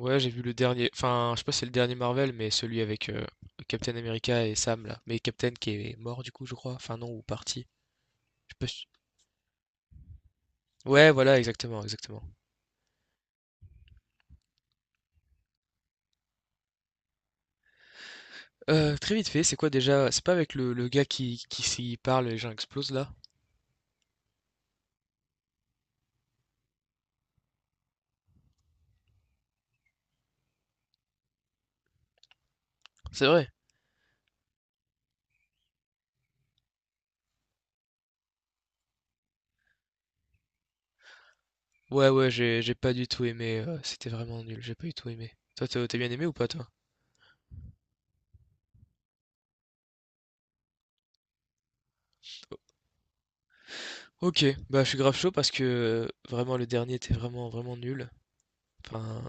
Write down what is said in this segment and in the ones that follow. Ouais, j'ai vu le dernier, enfin, je sais pas si c'est le dernier Marvel, mais celui avec Captain America et Sam là. Mais Captain qui est mort du coup, je crois. Enfin non, ou parti. Je sais pas si- Ouais, voilà, exactement, exactement. Très vite fait, c'est quoi déjà? C'est pas avec le gars qui s'y parle et les gens explosent là? C'est vrai. Ouais, ouais, j'ai pas du tout aimé. C'était vraiment nul. J'ai pas du tout aimé. Toi, t'as bien aimé ou pas toi? Ok, bah je suis grave chaud parce que vraiment le dernier était vraiment vraiment nul. Enfin,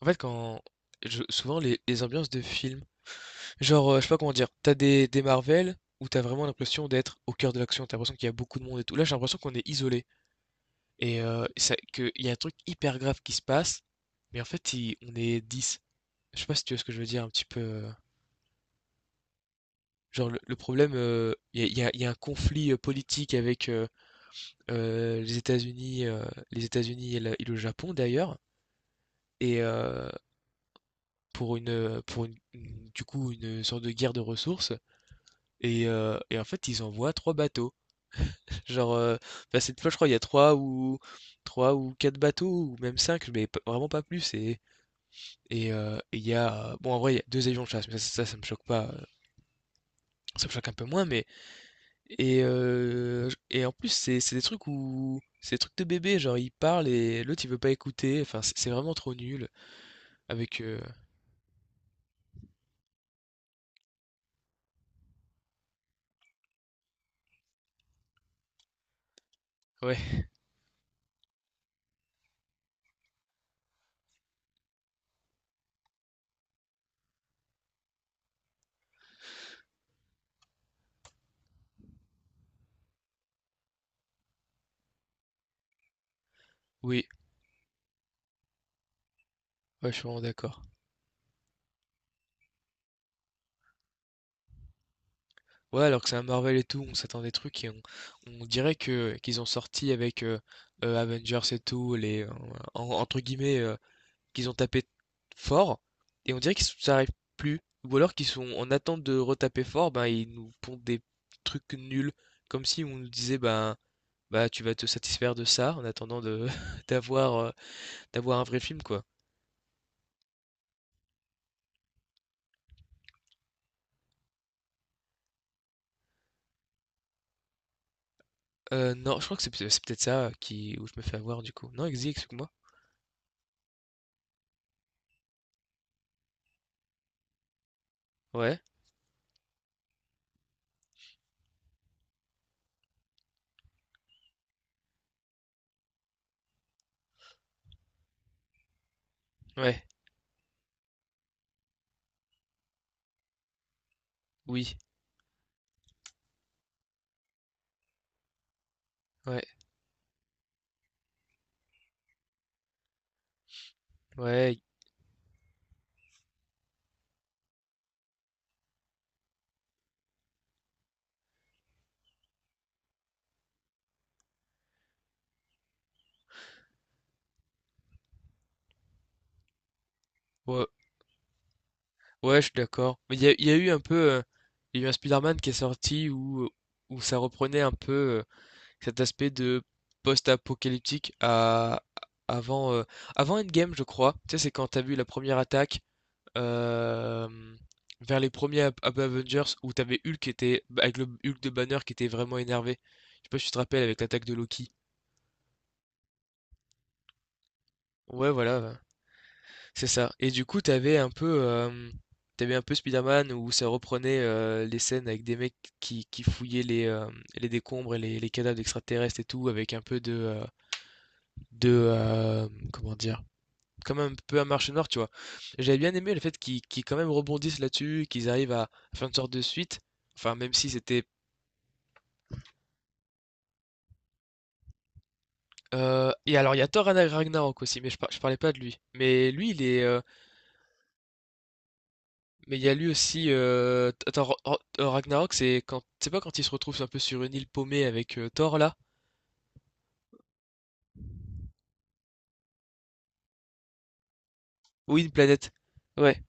en fait quand souvent les ambiances de films. Genre, je sais pas comment dire, t'as des Marvel où t'as vraiment l'impression d'être au cœur de l'action. T'as l'impression qu'il y a beaucoup de monde et tout. Là, j'ai l'impression qu'on est isolé et ça qu'il y a un truc hyper grave qui se passe, mais en fait, il on est 10. Je sais pas si tu vois ce que je veux dire un petit peu, Genre le problème, il y a il y a il y a un conflit, politique avec, heu, les États-Unis, heu, les États-Unis et le Japon d'ailleurs, et pour une, pour une du coup, une sorte de guerre de ressources. Et en fait, ils envoient 3 bateaux. Genre, bah, cette fois, je crois, il y a 3 ou 4 bateaux ou même cinq, mais p vraiment pas plus. Et il y a, bon, en vrai, il y a 2 avions de chasse, mais ça me choque pas, ça me choque un peu moins. Mais et j et en plus, c'est des trucs où c'est des trucs de bébé, genre, il parle et l'autre, il veut pas écouter, enfin, c'est vraiment trop nul avec, ouais, oui, ouais, je suis vraiment d'accord. Ouais, alors que c'est un Marvel et tout, on s'attend à des trucs et on dirait que qu'ils ont sorti avec, Avengers et tout, les en entre guillemets, qu'ils ont tapé fort, et on dirait qu'ils s'arrêtent plus. Ou alors qu'ils sont en attente de retaper fort, ben ils nous pondent des trucs nuls. Comme si on nous disait, ben, bah tu vas te satisfaire de ça en attendant de d'avoir d'avoir un vrai film, quoi. Non, je crois que c'est c'est peut-être ça qui où je me fais avoir du coup. Non, Exi, explique-moi. Ouais, ouais, oui, ouais, ouais, ouais, ouais, je suis d'accord. Mais il y a eu un peu, il y a eu un Spider-Man qui est sorti où, où ça reprenait un peu. Cet aspect de post-apocalyptique à avant, avant Endgame, je crois. Tu sais, c'est quand t'as vu la première attaque, hem, vers les premiers Ap Ap Avengers où t'avais Hulk qui était bah, avec le Hulk de Banner qui était vraiment énervé. Je sais pas si tu te rappelles avec l'attaque de Loki? Ouais, voilà, c'est ça et du coup, t'avais un peu, tu un peu Spider-Man où ça reprenait, les scènes avec des mecs qui fouillaient les, les décombres et les cadavres d'extraterrestres et tout avec un peu de, de, comment dire? Quand même un peu un marché noir, tu vois? J'avais bien aimé le fait qu'ils quand même rebondissent là-dessus, qu'ils arrivent à faire une sorte de suite. Enfin, même si c'était. Et alors, il y a Thor Ragnarok aussi, mais je, je parlais pas de lui. Mais lui, il est. Mais il y a lui aussi. Thor Ragnarok, c'est quand. C'est pas quand il se retrouve un peu sur une île paumée avec Thor là? Oui, une planète. Ouais,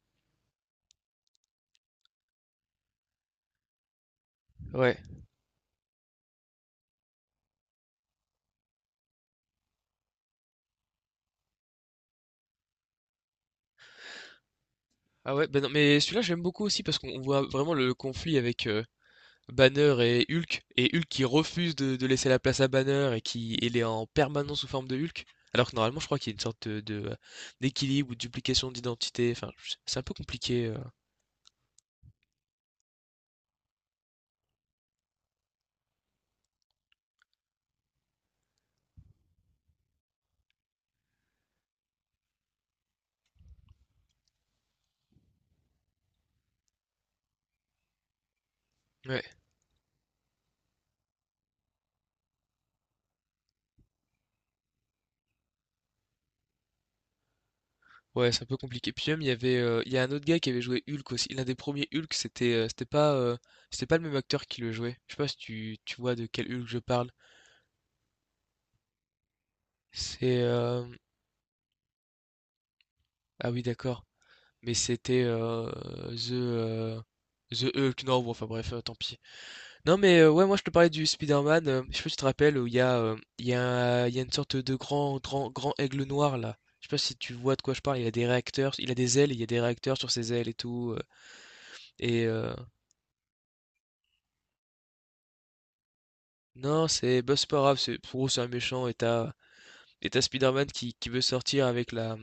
ouais. Ah ouais, ben non, mais celui-là, j'aime beaucoup aussi parce qu'on voit vraiment le conflit avec. Banner et Hulk qui refuse de laisser la place à Banner et qui il est en permanence sous forme de Hulk. Alors que normalement, je crois qu'il y a une sorte de, d'équilibre ou de duplication d'identité. Enfin, c'est un peu compliqué. Ouais, ouais, c'est un peu compliqué. Puis même, il y avait, il y a un autre gars qui avait joué Hulk aussi. L'un des premiers Hulk, c'était, c'était pas le même acteur qui le jouait. Je sais pas si tu, tu vois de quel Hulk je parle. C'est, ah oui, d'accord. Mais c'était The, The Hulk. Non, bon, enfin bref, tant pis. Non mais ouais, moi je te parlais du Spider-Man, je sais pas si tu te rappelles où il y a il y a une sorte de grand aigle noir là. Je sais pas si tu vois de quoi je parle, il a des réacteurs, il a des ailes, il y a des réacteurs sur ses ailes et tout et euh, non, c'est bah, c'est pas grave, c'est pour eux, c'est un méchant et t'as Spider-Man qui veut sortir avec la.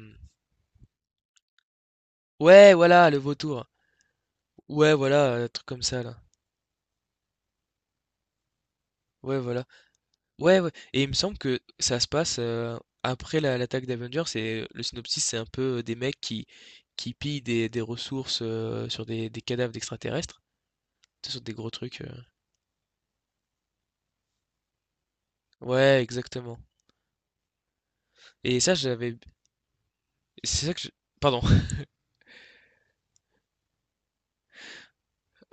Ouais, voilà, le vautour. Ouais, voilà, un truc comme ça là. Ouais, voilà. Ouais, ouais et il me semble que ça se passe, après la l'attaque d'Avengers et le synopsis, c'est un peu des mecs qui pillent des ressources, sur des cadavres d'extraterrestres. Tu sais, sur des gros trucs, ouais, exactement, et ça, j'avais c'est ça que je pardon.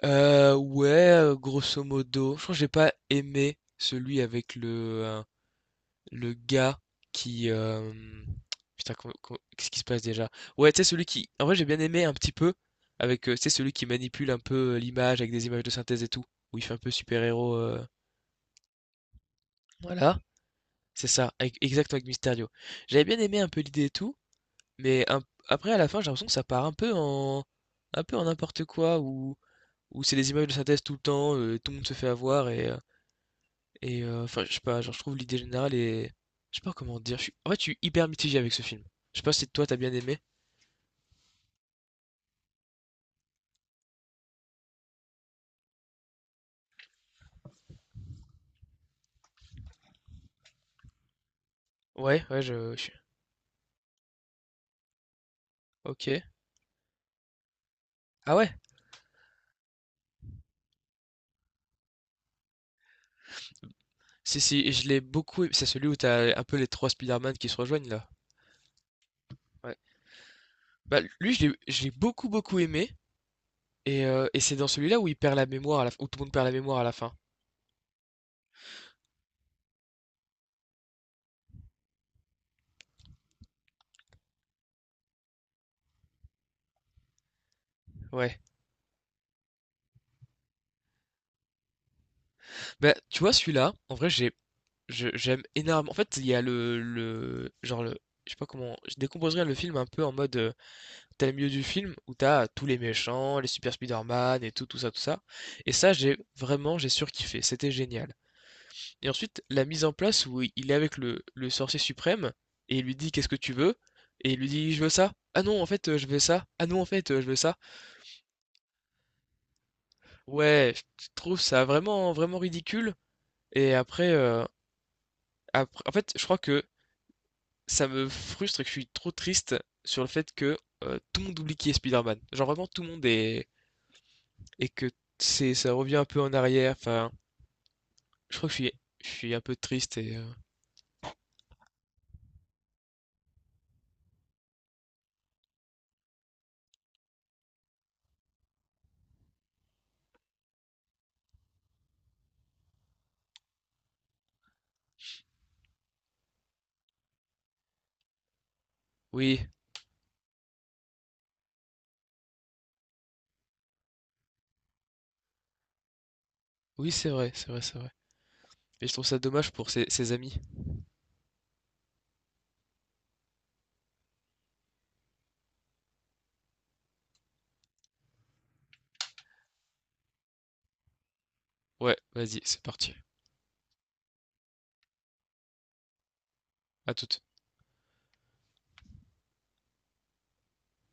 Ouais, grosso modo, je crois que j'ai pas aimé celui avec le gars qui. Putain, qu'est-ce qui se passe déjà? Ouais, tu sais, celui qui. En vrai, j'ai bien aimé un petit peu. Avec, tu sais, celui qui manipule un peu l'image avec des images de synthèse et tout. Où il fait un peu super-héros. Voilà, c'est ça. Avec... Exact avec Mysterio. J'avais bien aimé un peu l'idée et tout. Mais après, à la fin, j'ai l'impression que ça part un peu en. Un peu en n'importe quoi. Où, où c'est des images de synthèse tout le temps. Tout le monde se fait avoir. Et, enfin, je sais pas, genre, je trouve l'idée générale est. Je sais pas comment dire. En fait, je suis hyper mitigé avec ce film. Je sais pas si toi t'as bien aimé. Ouais, ouais, je suis. Ok. Ah ouais? Si, si, et je l'ai beaucoup. Aimé. C'est celui où t'as un peu les trois Spider-Man qui se rejoignent là. Ouais. Bah, lui, je l'ai beaucoup, beaucoup aimé. Et c'est dans celui-là où il perd la mémoire, à la... où tout le monde perd la mémoire à la fin. Ouais. Bah, tu vois, celui-là, en vrai, j'ai. J'aime énormément. En fait, il y a le, le. Genre, le. Je sais pas comment. Je décomposerais le film un peu en mode. T'as le milieu du film où t'as tous les méchants, les Super Spider-Man et tout, tout ça, tout ça. Et ça, j'ai vraiment, j'ai surkiffé. C'était génial. Et ensuite, la mise en place où il est avec le sorcier suprême et il lui dit qu'est-ce que tu veux? Et il lui dit je veux ça. Ah non, en fait, je veux ça. Ah non, en fait, je veux ça. Ouais, je trouve ça vraiment, vraiment ridicule. Et après, après, en fait, je crois que ça me frustre et que je suis trop triste sur le fait que tout le monde oublie qui est Spider-Man. Genre vraiment, tout le monde est et que c'est ça revient un peu en arrière. Enfin, je crois que je suis un peu triste et oui, oui, c'est vrai, c'est vrai, c'est vrai. Et je trouve ça dommage pour ses, ses amis. Ouais, vas-y, c'est parti. À toute.